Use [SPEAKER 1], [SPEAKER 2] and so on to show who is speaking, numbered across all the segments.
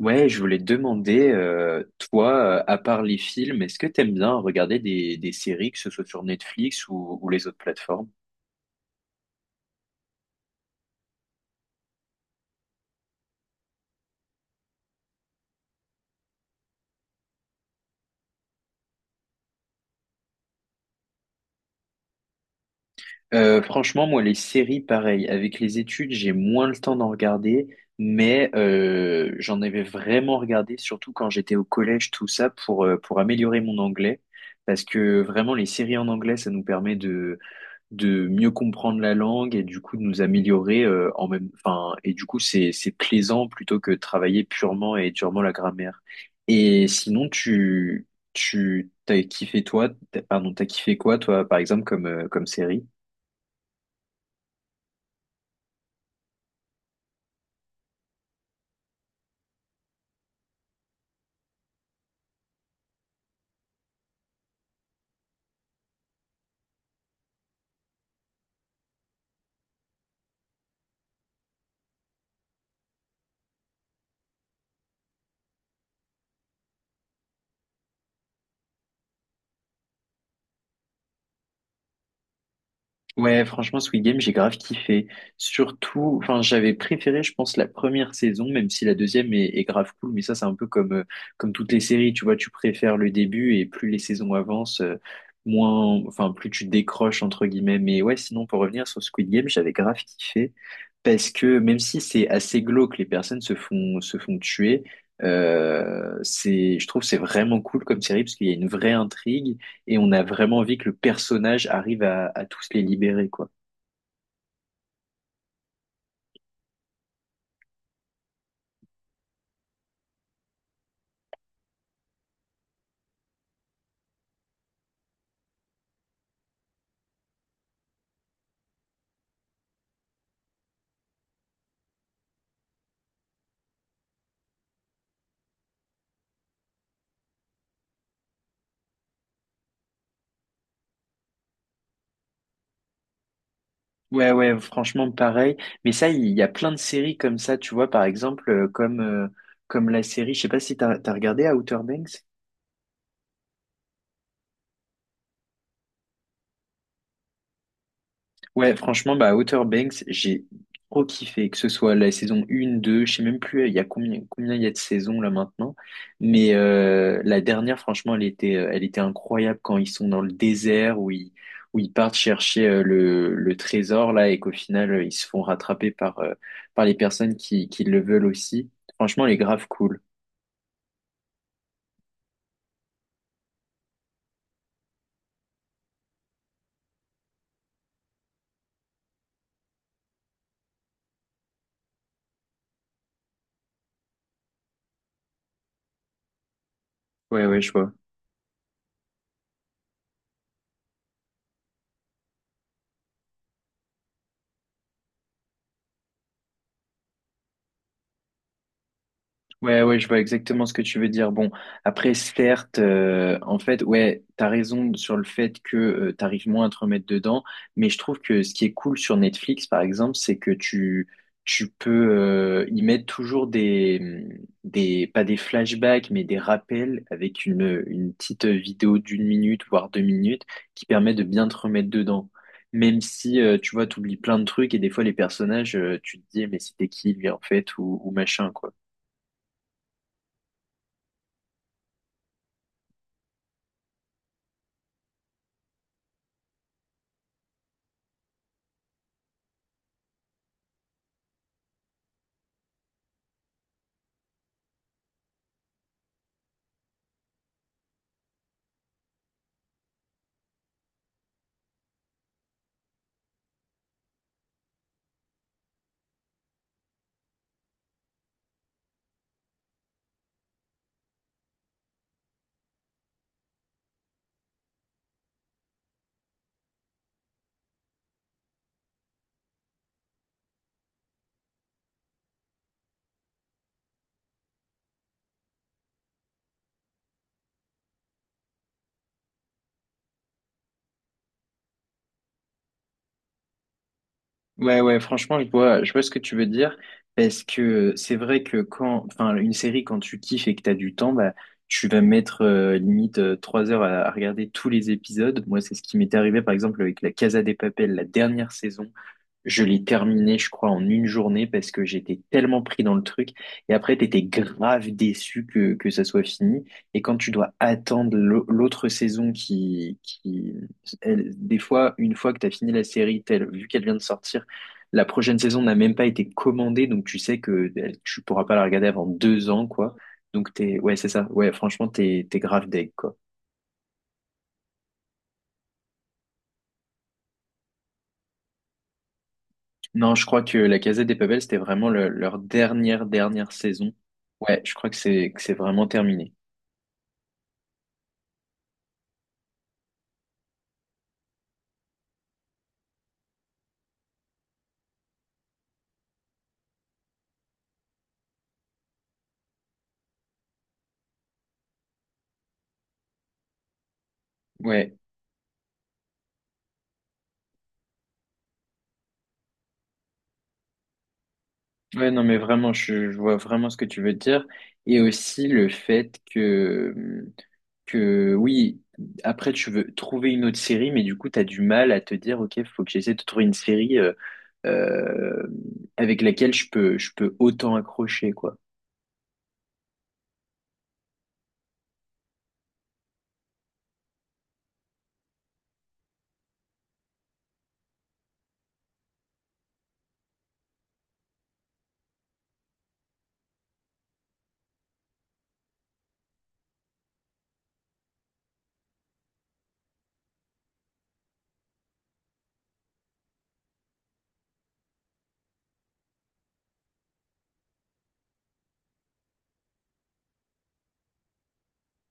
[SPEAKER 1] Ouais, je voulais te demander, toi, à part les films, est-ce que t'aimes bien regarder des séries, que ce soit sur Netflix ou les autres plateformes? Franchement, moi, les séries, pareil, avec les études, j'ai moins le temps d'en regarder, mais j'en avais vraiment regardé, surtout quand j'étais au collège, tout ça, pour améliorer mon anglais, parce que vraiment, les séries en anglais, ça nous permet de mieux comprendre la langue et du coup de nous améliorer en même enfin, c'est plaisant plutôt que de travailler purement et durement la grammaire. Et sinon tu tu t'as kiffé toi t'as- pardon, t'as kiffé quoi toi par exemple comme comme série? Ouais, franchement, Squid Game, j'ai grave kiffé. Surtout, enfin, j'avais préféré, je pense, la première saison, même si la deuxième est grave cool. Mais ça, c'est un peu comme, comme toutes les séries, tu vois, tu préfères le début et plus les saisons avancent, moins, enfin, plus tu décroches, entre guillemets. Mais ouais, sinon, pour revenir sur Squid Game, j'avais grave kiffé parce que même si c'est assez glauque, les personnes se font tuer. C'est, je trouve, que c'est vraiment cool comme série parce qu'il y a une vraie intrigue et on a vraiment envie que le personnage arrive à tous les libérer, quoi. Ouais, ouais, franchement, pareil. Mais ça, il y a plein de séries comme ça, tu vois, par exemple, comme la série, je sais pas si t'as regardé Outer Banks? Ouais, franchement, bah, Outer Banks, j'ai trop kiffé, que ce soit la saison 1, 2, je sais même plus, il y a combien il y a de saisons là maintenant, mais la dernière, franchement, elle était incroyable quand ils sont dans le désert, où ils partent chercher le trésor là, et qu'au final, ils se font rattraper par les personnes qui le veulent aussi. Franchement, elle est grave cool. Ouais, ouais, je vois. Ouais, ouais, je vois exactement ce que tu veux dire. Bon, après, certes, en fait, ouais, t'as raison sur le fait que t'arrives moins à te remettre dedans, mais je trouve que ce qui est cool sur Netflix, par exemple, c'est que tu peux y mettre toujours pas des flashbacks, mais des rappels avec une petite vidéo d'une minute, voire deux minutes, qui permet de bien te remettre dedans. Même si, tu vois, t'oublies plein de trucs et des fois, les personnages, tu te dis, mais c'était qui, lui, en fait, ou machin, quoi. Ouais, ouais, franchement, je vois ce que tu veux dire, parce que c'est vrai que quand, enfin, une série, quand tu kiffes et que t'as du temps, bah, tu vas mettre limite trois heures à regarder tous les épisodes. Moi, c'est ce qui m'est arrivé, par exemple, avec la Casa de Papel, la dernière saison. Je l'ai terminé, je crois, en une journée parce que j'étais tellement pris dans le truc. Et après, t'étais grave déçu que ça soit fini. Et quand tu dois attendre l'autre saison qui, des fois, une fois que t'as fini la série, telle, vu qu'elle vient de sortir, la prochaine saison n'a même pas été commandée. Donc, tu sais que tu pourras pas la regarder avant deux ans, quoi. Donc, t'es, ouais, c'est ça. Ouais, franchement, t'es grave deg, quoi. Non, je crois que la Casa des Papel, c'était vraiment leur dernière saison. Ouais, je crois que c'est vraiment terminé. Ouais, ouais, non, mais vraiment, je vois vraiment ce que tu veux dire. Et aussi le fait que oui, après, tu veux trouver une autre série, mais du coup, tu as du mal à te dire, OK, faut que j'essaie de trouver une série euh, avec laquelle je peux autant accrocher, quoi.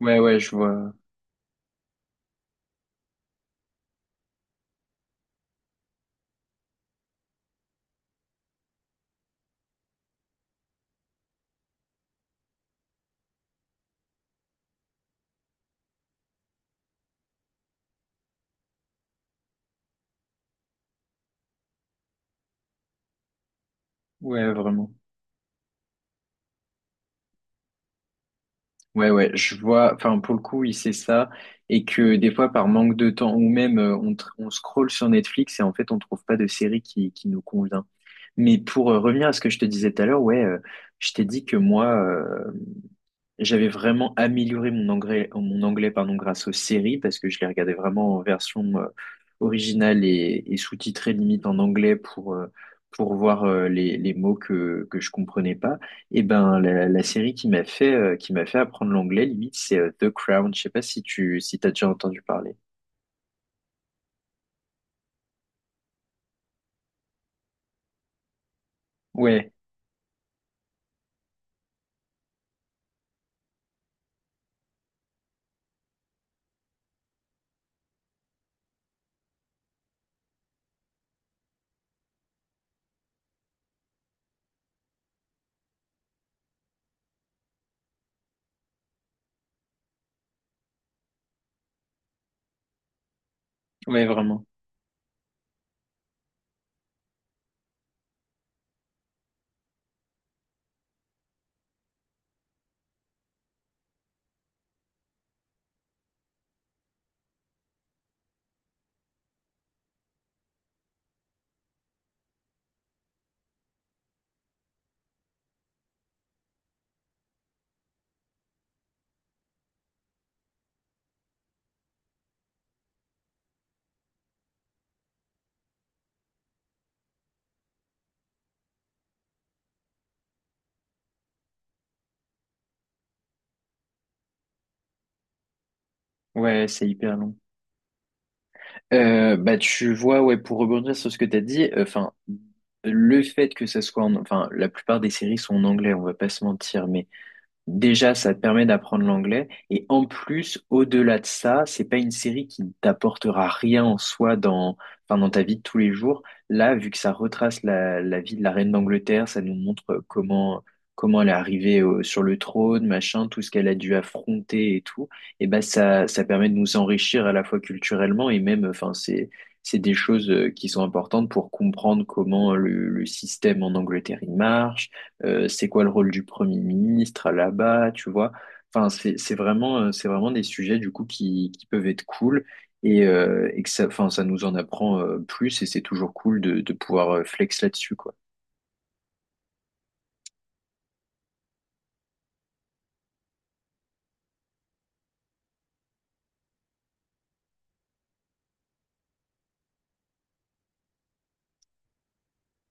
[SPEAKER 1] Ouais, ouais, je vois. Ouais, vraiment. Ouais, ouais, je vois, enfin, pour le coup, il sait ça, et que des fois, par manque de temps, ou même, on scrolle sur Netflix et en fait, on trouve pas de série qui nous convient. Mais pour revenir à ce que je te disais tout à l'heure, ouais, je t'ai dit que moi, j'avais vraiment amélioré mon anglais, pardon, grâce aux séries parce que je les regardais vraiment en version originale et sous-titrée limite en anglais pour voir les mots que je comprenais pas. Et ben la série qui m'a fait apprendre l'anglais limite c'est The Crown. Je sais pas si tu si t'as déjà entendu parler. Ouais, ouais vraiment. Ouais, c'est hyper long. Bah tu vois ouais pour rebondir sur ce que t'as dit enfin le fait que ça soit en... enfin la plupart des séries sont en anglais on va pas se mentir mais déjà, ça te permet d'apprendre l'anglais. Et en plus, au-delà de ça, c'est pas une série qui ne t'apportera rien en soi dans, enfin, dans ta vie de tous les jours. Là, vu que ça retrace la vie de la reine d'Angleterre, ça nous montre comment elle est arrivée sur le trône, machin, tout ce qu'elle a dû affronter et tout. Et ben, ça permet de nous enrichir à la fois culturellement et même, enfin, c'est des choses qui sont importantes pour comprendre comment le système en Angleterre il marche c'est quoi le rôle du Premier ministre là-bas, tu vois. Enfin, c'est vraiment, c'est vraiment des sujets du coup qui peuvent être cool et que ça, enfin, ça nous en apprend plus et c'est toujours cool de pouvoir flex là-dessus, quoi.